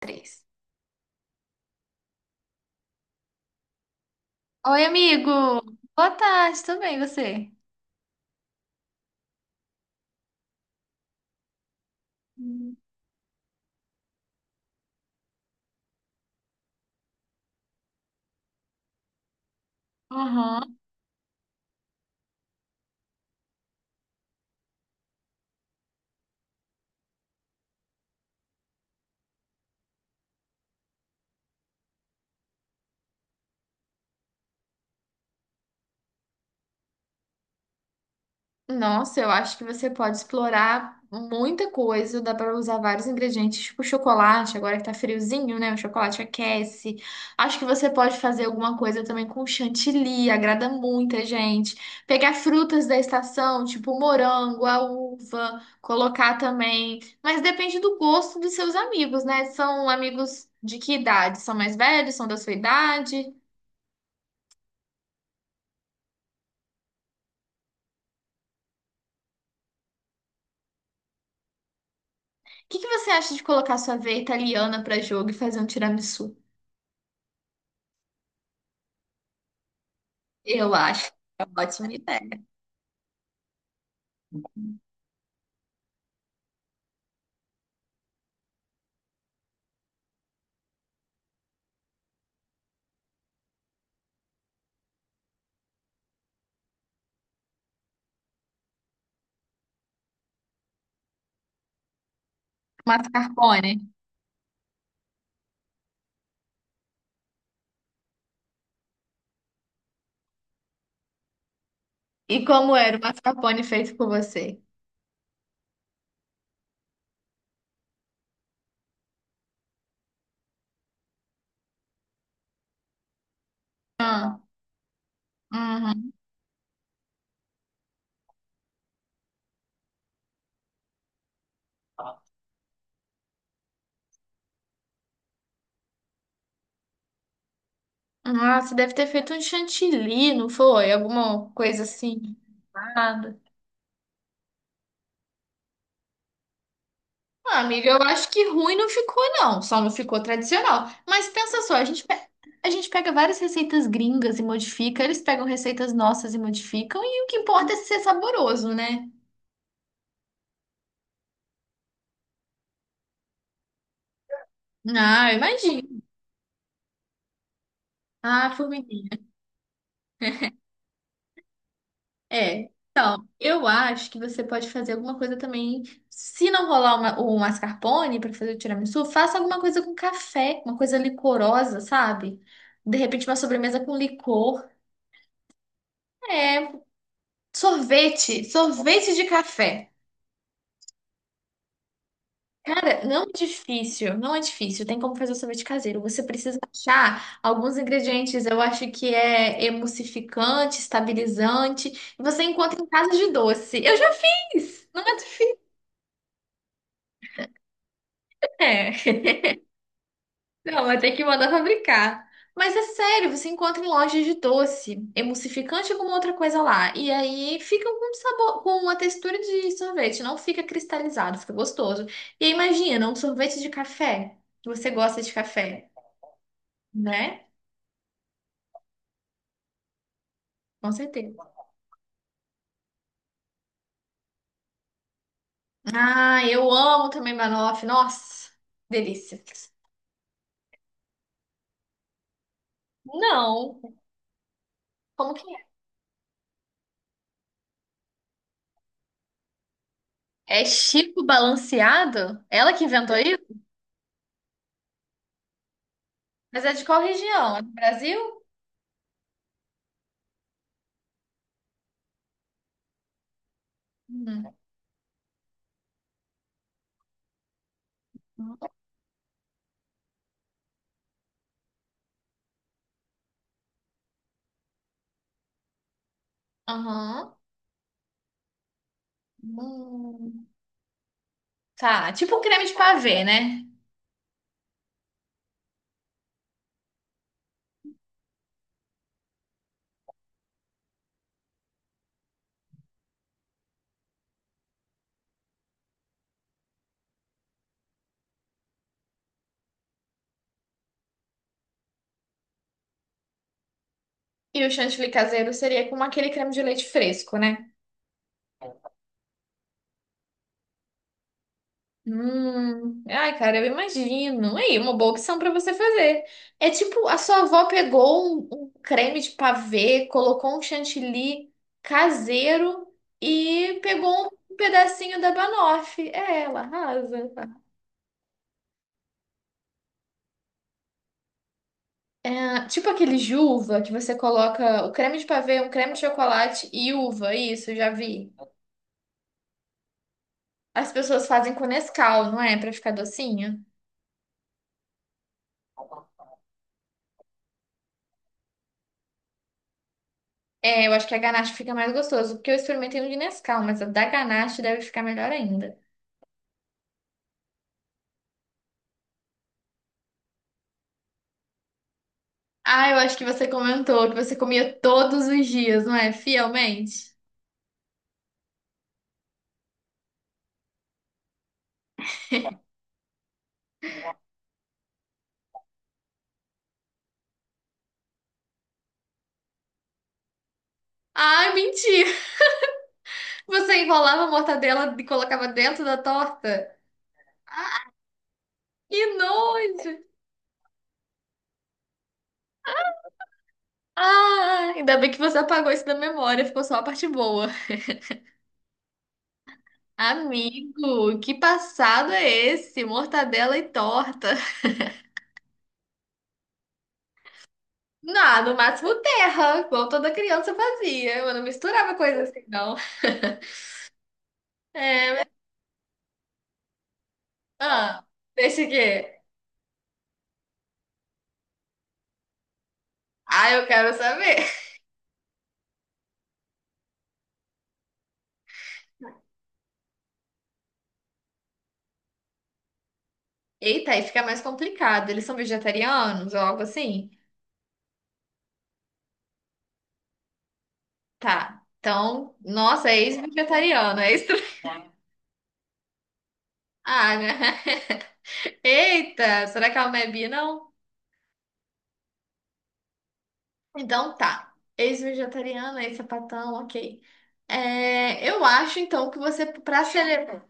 Três. Oi, amigo! Boa tarde, tudo bem, e você? Hum. Aham. Nossa, eu acho que você pode explorar muita coisa, dá para usar vários ingredientes, tipo chocolate, agora que tá friozinho, né? O chocolate aquece. Acho que você pode fazer alguma coisa também com chantilly, agrada muita gente. Pegar frutas da estação, tipo morango, a uva, colocar também. Mas depende do gosto dos seus amigos, né? São amigos de que idade? São mais velhos? São da sua idade? O que que você acha de colocar sua veia italiana para jogo e fazer um tiramisu? Eu acho que é uma ótima ideia. Mascarpone. E como era o mascarpone feito por você? Ah, uhum. Ah, você deve ter feito um chantilly, não foi? Alguma coisa assim. Nada. Ah, amiga, eu acho que ruim não ficou, não. Só não ficou tradicional. Mas pensa só, a gente pega várias receitas gringas e modifica, eles pegam receitas nossas e modificam, e o que importa é ser saboroso, né? Ah, eu imagino. Ah, formiguinha. É, eu acho que você pode fazer alguma coisa também. Se não rolar uma, o mascarpone para fazer o tiramisu, faça alguma coisa com café, uma coisa licorosa, sabe? De repente uma sobremesa com licor. É, sorvete de café. Cara, não é difícil, não é difícil. Tem como fazer o sorvete caseiro. Você precisa achar alguns ingredientes. Eu acho que é emulsificante, estabilizante. Você encontra em casa de doce. Eu já fiz. Não é difícil, né? Não, vai ter que mandar fabricar. Mas é sério, você encontra em lojas de doce, emulsificante ou alguma outra coisa lá. E aí fica com um sabor, com uma textura de sorvete, não fica cristalizado, fica gostoso. E aí, imagina, um sorvete de café. Você gosta de café, né? Com certeza. Ah, eu amo também banoffee. Nossa, delícia. Não, como que é? É Chico Balanceado? Ela que inventou isso? Mas é de qual região? É do Brasil? Hum. Aham. Hum. Tá, tipo um creme de pavê, né? E o chantilly caseiro seria como aquele creme de leite fresco, né? Ai, cara, eu imagino. Aí, uma boa opção pra você fazer. É tipo, a sua avó pegou um creme de pavê, colocou um chantilly caseiro e pegou um pedacinho da banoffee. É, ela arrasa. É, tipo aquele de uva que você coloca o creme de pavê, um creme de chocolate e uva, isso, já vi. As pessoas fazem com Nescau, não é? Pra ficar docinho. É, eu acho que a ganache fica mais gostoso, porque eu experimentei um de Nescau, mas a da ganache deve ficar melhor ainda. Ah, eu acho que você comentou que você comia todos os dias, não é? Fielmente. Ah, mentira! Você enrolava a mortadela e colocava dentro da torta? Ah, que nojo! Ah, ainda bem que você apagou isso da memória, ficou só a parte boa. Amigo, que passado é esse? Mortadela e torta. Não, no máximo terra, igual toda criança fazia. Eu não misturava coisa assim, não. É, ah, deixa aqui. Ah, eu quero saber. Eita, aí fica mais complicado. Eles são vegetarianos ou algo assim? Tá. Então, nossa, é ex-vegetariano, é extra. Ah, né? Eita, será que ela não é bi, não? Então tá. Ex-vegetariana, ex-sapatão, ok. É, eu acho então que você, pra celebrar.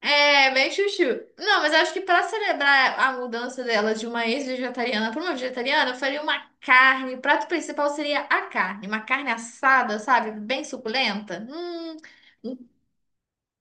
É, meio chuchu. Não, mas eu acho que pra celebrar a mudança dela de uma ex-vegetariana pra uma vegetariana, eu faria uma carne. O prato principal seria a carne. Uma carne assada, sabe? Bem suculenta. Um-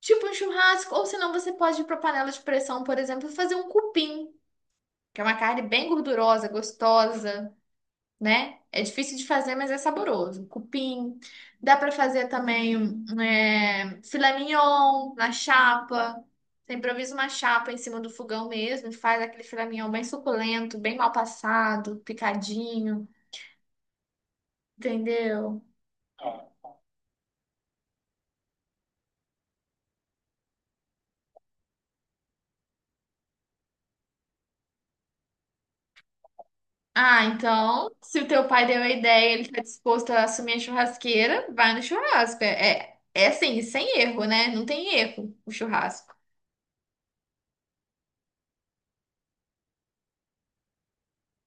tipo um churrasco. Ou senão você pode ir pra panela de pressão, por exemplo, e fazer um cupim, que é uma carne bem gordurosa, gostosa, né? É difícil de fazer, mas é saboroso. Cupim. Dá para fazer também um, é, filé mignon na chapa. Você improvisa uma chapa em cima do fogão mesmo, faz aquele filé mignon bem suculento, bem mal passado, picadinho, entendeu? Ah, então, se o teu pai deu a ideia, ele está disposto a assumir a churrasqueira, vai no churrasco. É, é assim, sem erro, né? Não tem erro o churrasco.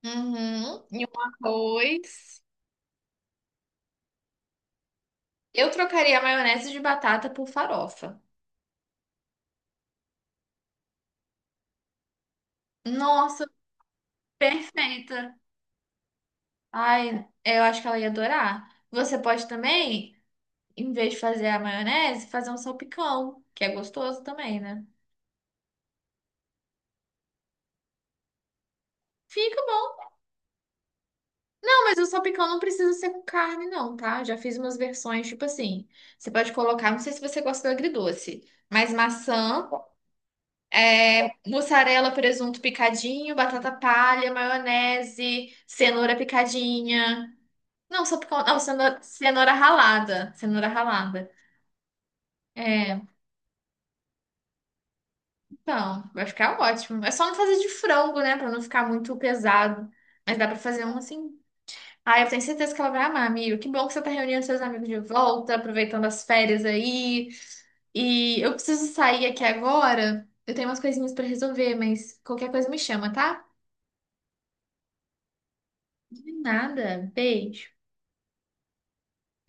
Uhum. E um arroz. Eu trocaria a maionese de batata por farofa. Nossa, perfeita. Ai, eu acho que ela ia adorar. Você pode também, em vez de fazer a maionese, fazer um salpicão, que é gostoso também, né? Fica bom. Não, mas o salpicão não precisa ser com carne, não, tá? Já fiz umas versões, tipo assim. Você pode colocar, não sei se você gosta do agridoce, mas maçã, é, mussarela, presunto picadinho, batata palha, maionese, cenoura picadinha. Não, só por conta. Não, cenoura ralada. Cenoura ralada. É, então, vai ficar ótimo. É só não fazer de frango, né? Pra não ficar muito pesado. Mas dá pra fazer um assim. Ah, eu tenho certeza que ela vai amar, amigo. Que bom que você tá reunindo seus amigos de volta, aproveitando as férias aí. E eu preciso sair aqui agora. Eu tenho umas coisinhas pra resolver, mas qualquer coisa me chama, tá? De nada. Beijo.